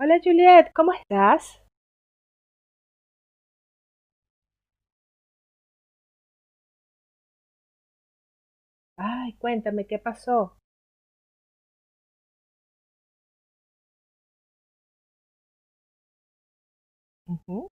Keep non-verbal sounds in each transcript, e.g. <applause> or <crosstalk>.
Hola Juliet, ¿cómo estás? Ay, cuéntame, ¿qué pasó? Ujú.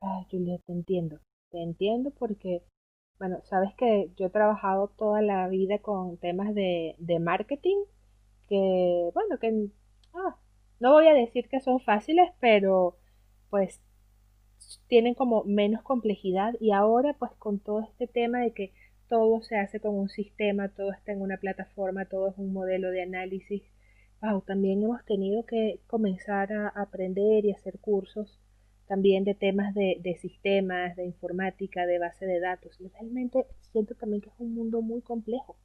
Ay, Juliet, te entiendo. Te entiendo porque, bueno, sabes que yo he trabajado toda la vida con temas de marketing, que, bueno, ah, no voy a decir que son fáciles, pero pues tienen como menos complejidad. Y ahora pues con todo este tema de que todo se hace con un sistema, todo está en una plataforma, todo es un modelo de análisis, wow, también hemos tenido que comenzar a aprender y hacer cursos también de temas de sistemas, de informática, de base de datos. Y realmente siento también que es un mundo muy complejo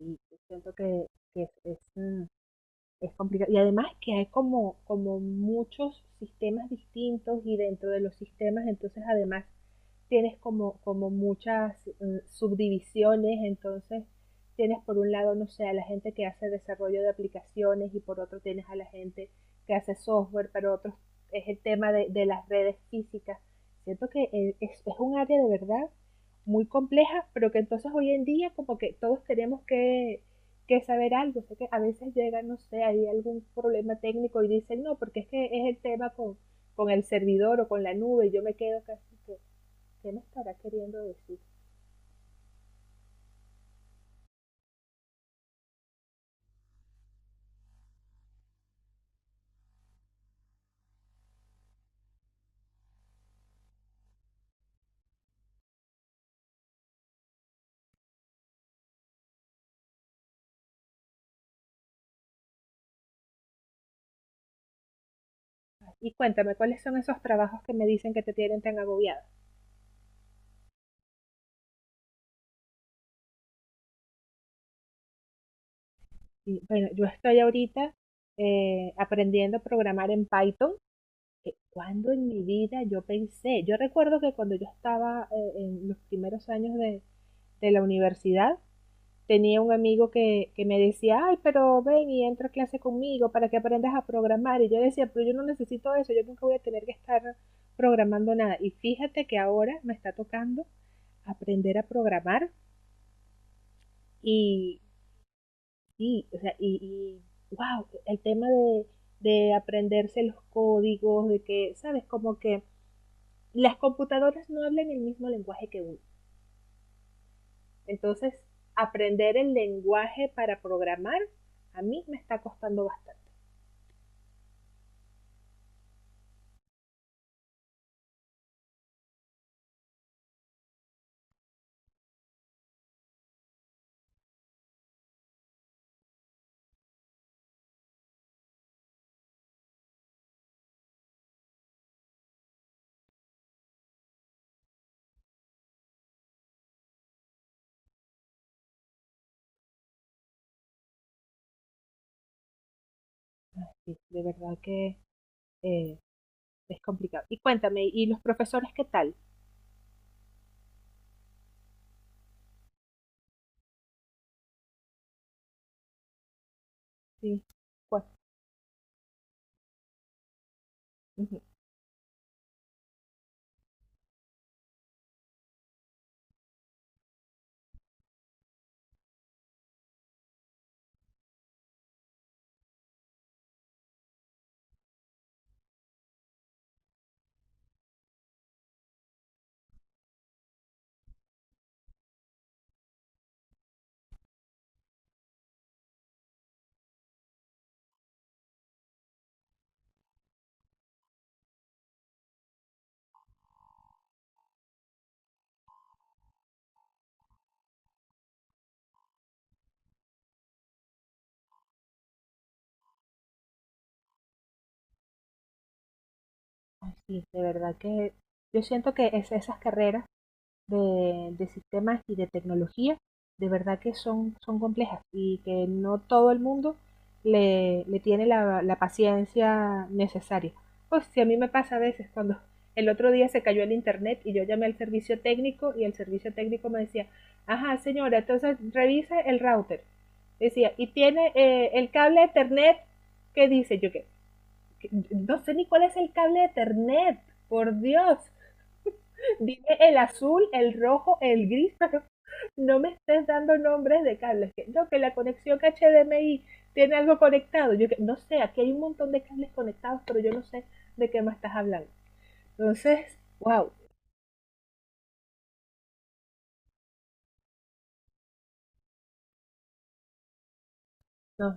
y siento que es, es complicado. Y además que hay como muchos sistemas distintos, y dentro de los sistemas, entonces además tienes como muchas subdivisiones. Entonces tienes por un lado, no sé, a la gente que hace desarrollo de aplicaciones, y por otro tienes a la gente que hace software, pero otros es el tema de las redes físicas. Siento que es un área de verdad muy compleja, pero que entonces hoy en día como que todos tenemos que saber algo. Sé que a veces llega, no sé, hay algún problema técnico y dicen, no, porque es que es el tema con el servidor o con la nube. Y yo me quedo casi que, ¿qué me estará queriendo decir? Y cuéntame, ¿cuáles son esos trabajos que me dicen que te tienen tan agobiada? Y, bueno, yo estoy ahorita aprendiendo a programar en Python. Cuando en mi vida yo pensé, yo recuerdo que cuando yo estaba en los primeros años de la universidad, tenía un amigo que me decía, ay, pero ven y entra a clase conmigo para que aprendas a programar. Y yo decía, pero yo no necesito eso, yo nunca voy a tener que estar programando nada. Y fíjate que ahora me está tocando aprender a programar y, y, o sea, y, y, wow, el tema de aprenderse los códigos, de que, ¿sabes? Como que las computadoras no hablan el mismo lenguaje que uno. Entonces, aprender el lenguaje para programar a mí me está costando bastante. Sí, de verdad que eh, es complicado. Y cuéntame, ¿y los profesores qué tal? Sí, bueno, ujú. Ay, sí, de verdad que yo siento que es esas carreras de sistemas y de tecnología, de verdad que son, son complejas y que no todo el mundo le tiene la paciencia necesaria. Pues si a mí me pasa a veces cuando el otro día se cayó el internet y yo llamé al servicio técnico, y el servicio técnico me decía, ajá señora, entonces revise el router. Decía, y tiene el cable de Ethernet que dice, yo no sé ni cuál es el cable de Ethernet, por Dios. Dime el azul, el rojo, el gris, <laughs> pero no me estés dando nombres de cables. Que, no, que la conexión HDMI tiene algo conectado. Yo que, no sé, aquí hay un montón de cables conectados, pero yo no sé de qué me estás hablando. Entonces, wow, no.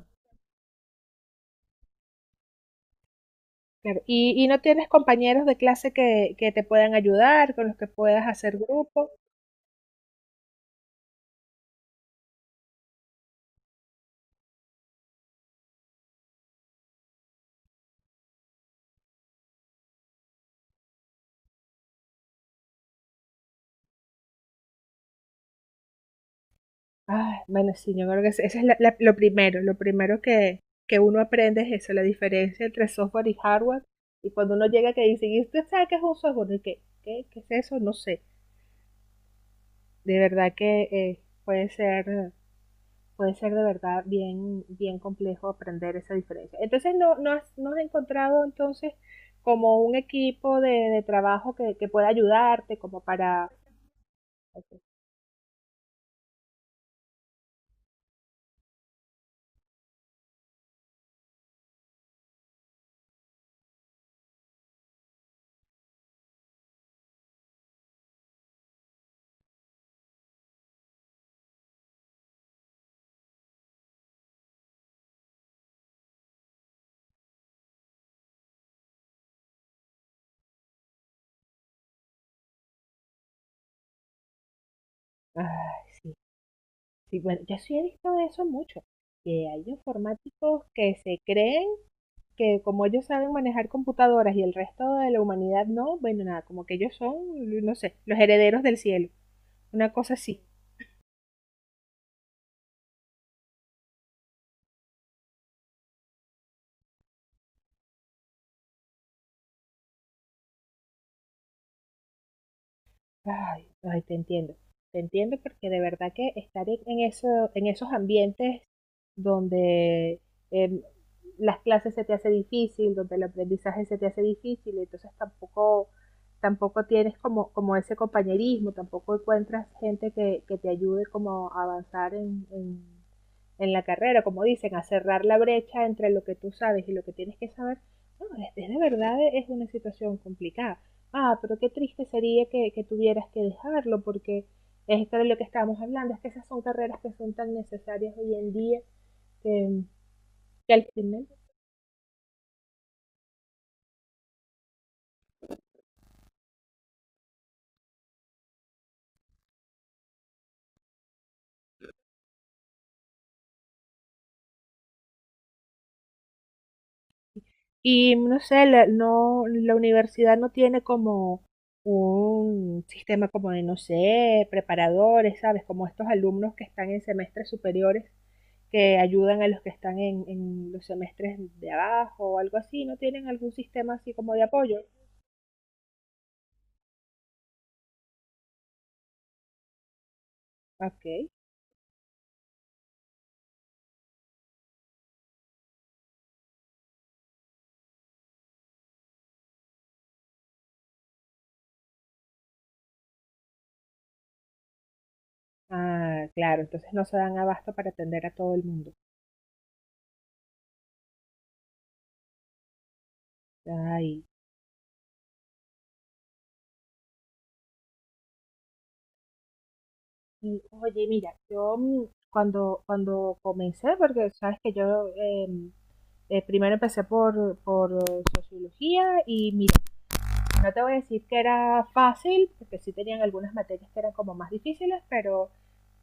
Claro. Y no tienes compañeros de clase que te puedan ayudar, con los que puedas hacer grupo. Ay, bueno, sí, yo creo que eso es lo primero que uno aprende es eso, la diferencia entre software y hardware. Y cuando uno llega que dice, ¿y usted sabe qué es un software? ¿Y qué es eso? No sé. De verdad que puede ser de verdad bien, bien complejo aprender esa diferencia. Entonces, has, no has encontrado entonces como un equipo de trabajo que pueda ayudarte como para... Ok. Ay, sí. Sí, bueno, yo sí he visto de eso mucho, que hay informáticos que se creen que como ellos saben manejar computadoras y el resto de la humanidad no, bueno, nada, como que ellos son, no sé, los herederos del cielo, una cosa así. Ay, ay, te entiendo porque de verdad que estar en eso, en esos ambientes donde eh, las clases se te hace difícil, donde el aprendizaje se te hace difícil, entonces tampoco tienes como ese compañerismo, tampoco encuentras gente que te ayude como a avanzar en la carrera, como dicen, a cerrar la brecha entre lo que tú sabes y lo que tienes que saber. No, es de verdad es una situación complicada. Ah, pero qué triste sería que tuvieras que dejarlo, porque es esto de lo que estábamos hablando, es que esas son carreras que son tan necesarias hoy en día que, que al crimen. Y no sé, la universidad no tiene como un sistema como de, no sé, preparadores, ¿sabes? Como estos alumnos que están en semestres superiores que ayudan a los que están en los semestres de abajo o algo así, no tienen algún sistema así como de apoyo. Ok. Ah, claro, entonces no se dan abasto para atender a todo el mundo. Ay. Y, oye, mira, yo cuando comencé, porque sabes que yo primero empecé por sociología y mira, no te voy a decir que era fácil, porque sí tenían algunas materias que eran como más difíciles, pero,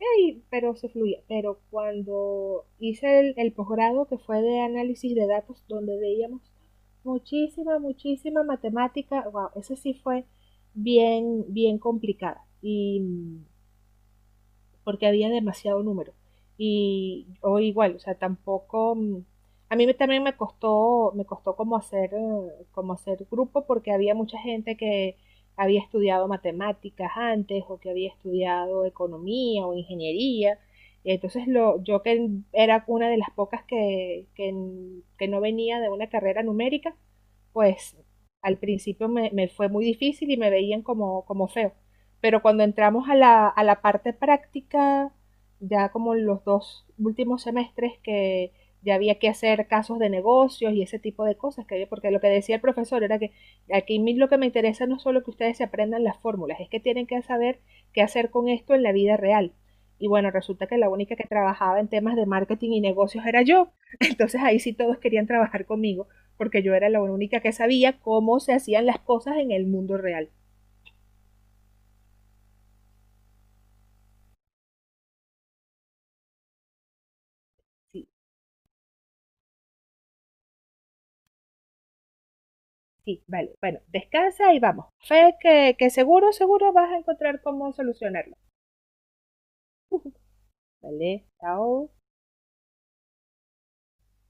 hey, pero se fluía. Pero cuando hice el posgrado que fue de análisis de datos, donde veíamos muchísima, muchísima matemática, wow, eso sí fue bien, bien complicada. Y porque había demasiado número. Y o igual, o sea, tampoco a mí también me costó, me costó como hacer grupo porque había mucha gente que había estudiado matemáticas antes o que había estudiado economía o ingeniería. Y entonces yo que era una de las pocas que no venía de una carrera numérica, pues al principio fue muy difícil y me veían como, como feo. Pero cuando entramos a a la parte práctica, ya como los dos últimos semestres que ya había que hacer casos de negocios y ese tipo de cosas, que, porque lo que decía el profesor era que aquí lo que me interesa no es solo que ustedes se aprendan las fórmulas, es que tienen que saber qué hacer con esto en la vida real. Y bueno, resulta que la única que trabajaba en temas de marketing y negocios era yo. <laughs> Entonces ahí sí todos querían trabajar conmigo, porque yo era la única que sabía cómo se hacían las cosas en el mundo real. Sí, sí, vale. Bueno, descansa y vamos. Fe que seguro, seguro vas a encontrar cómo solucionarlo. <laughs> Vale, chao.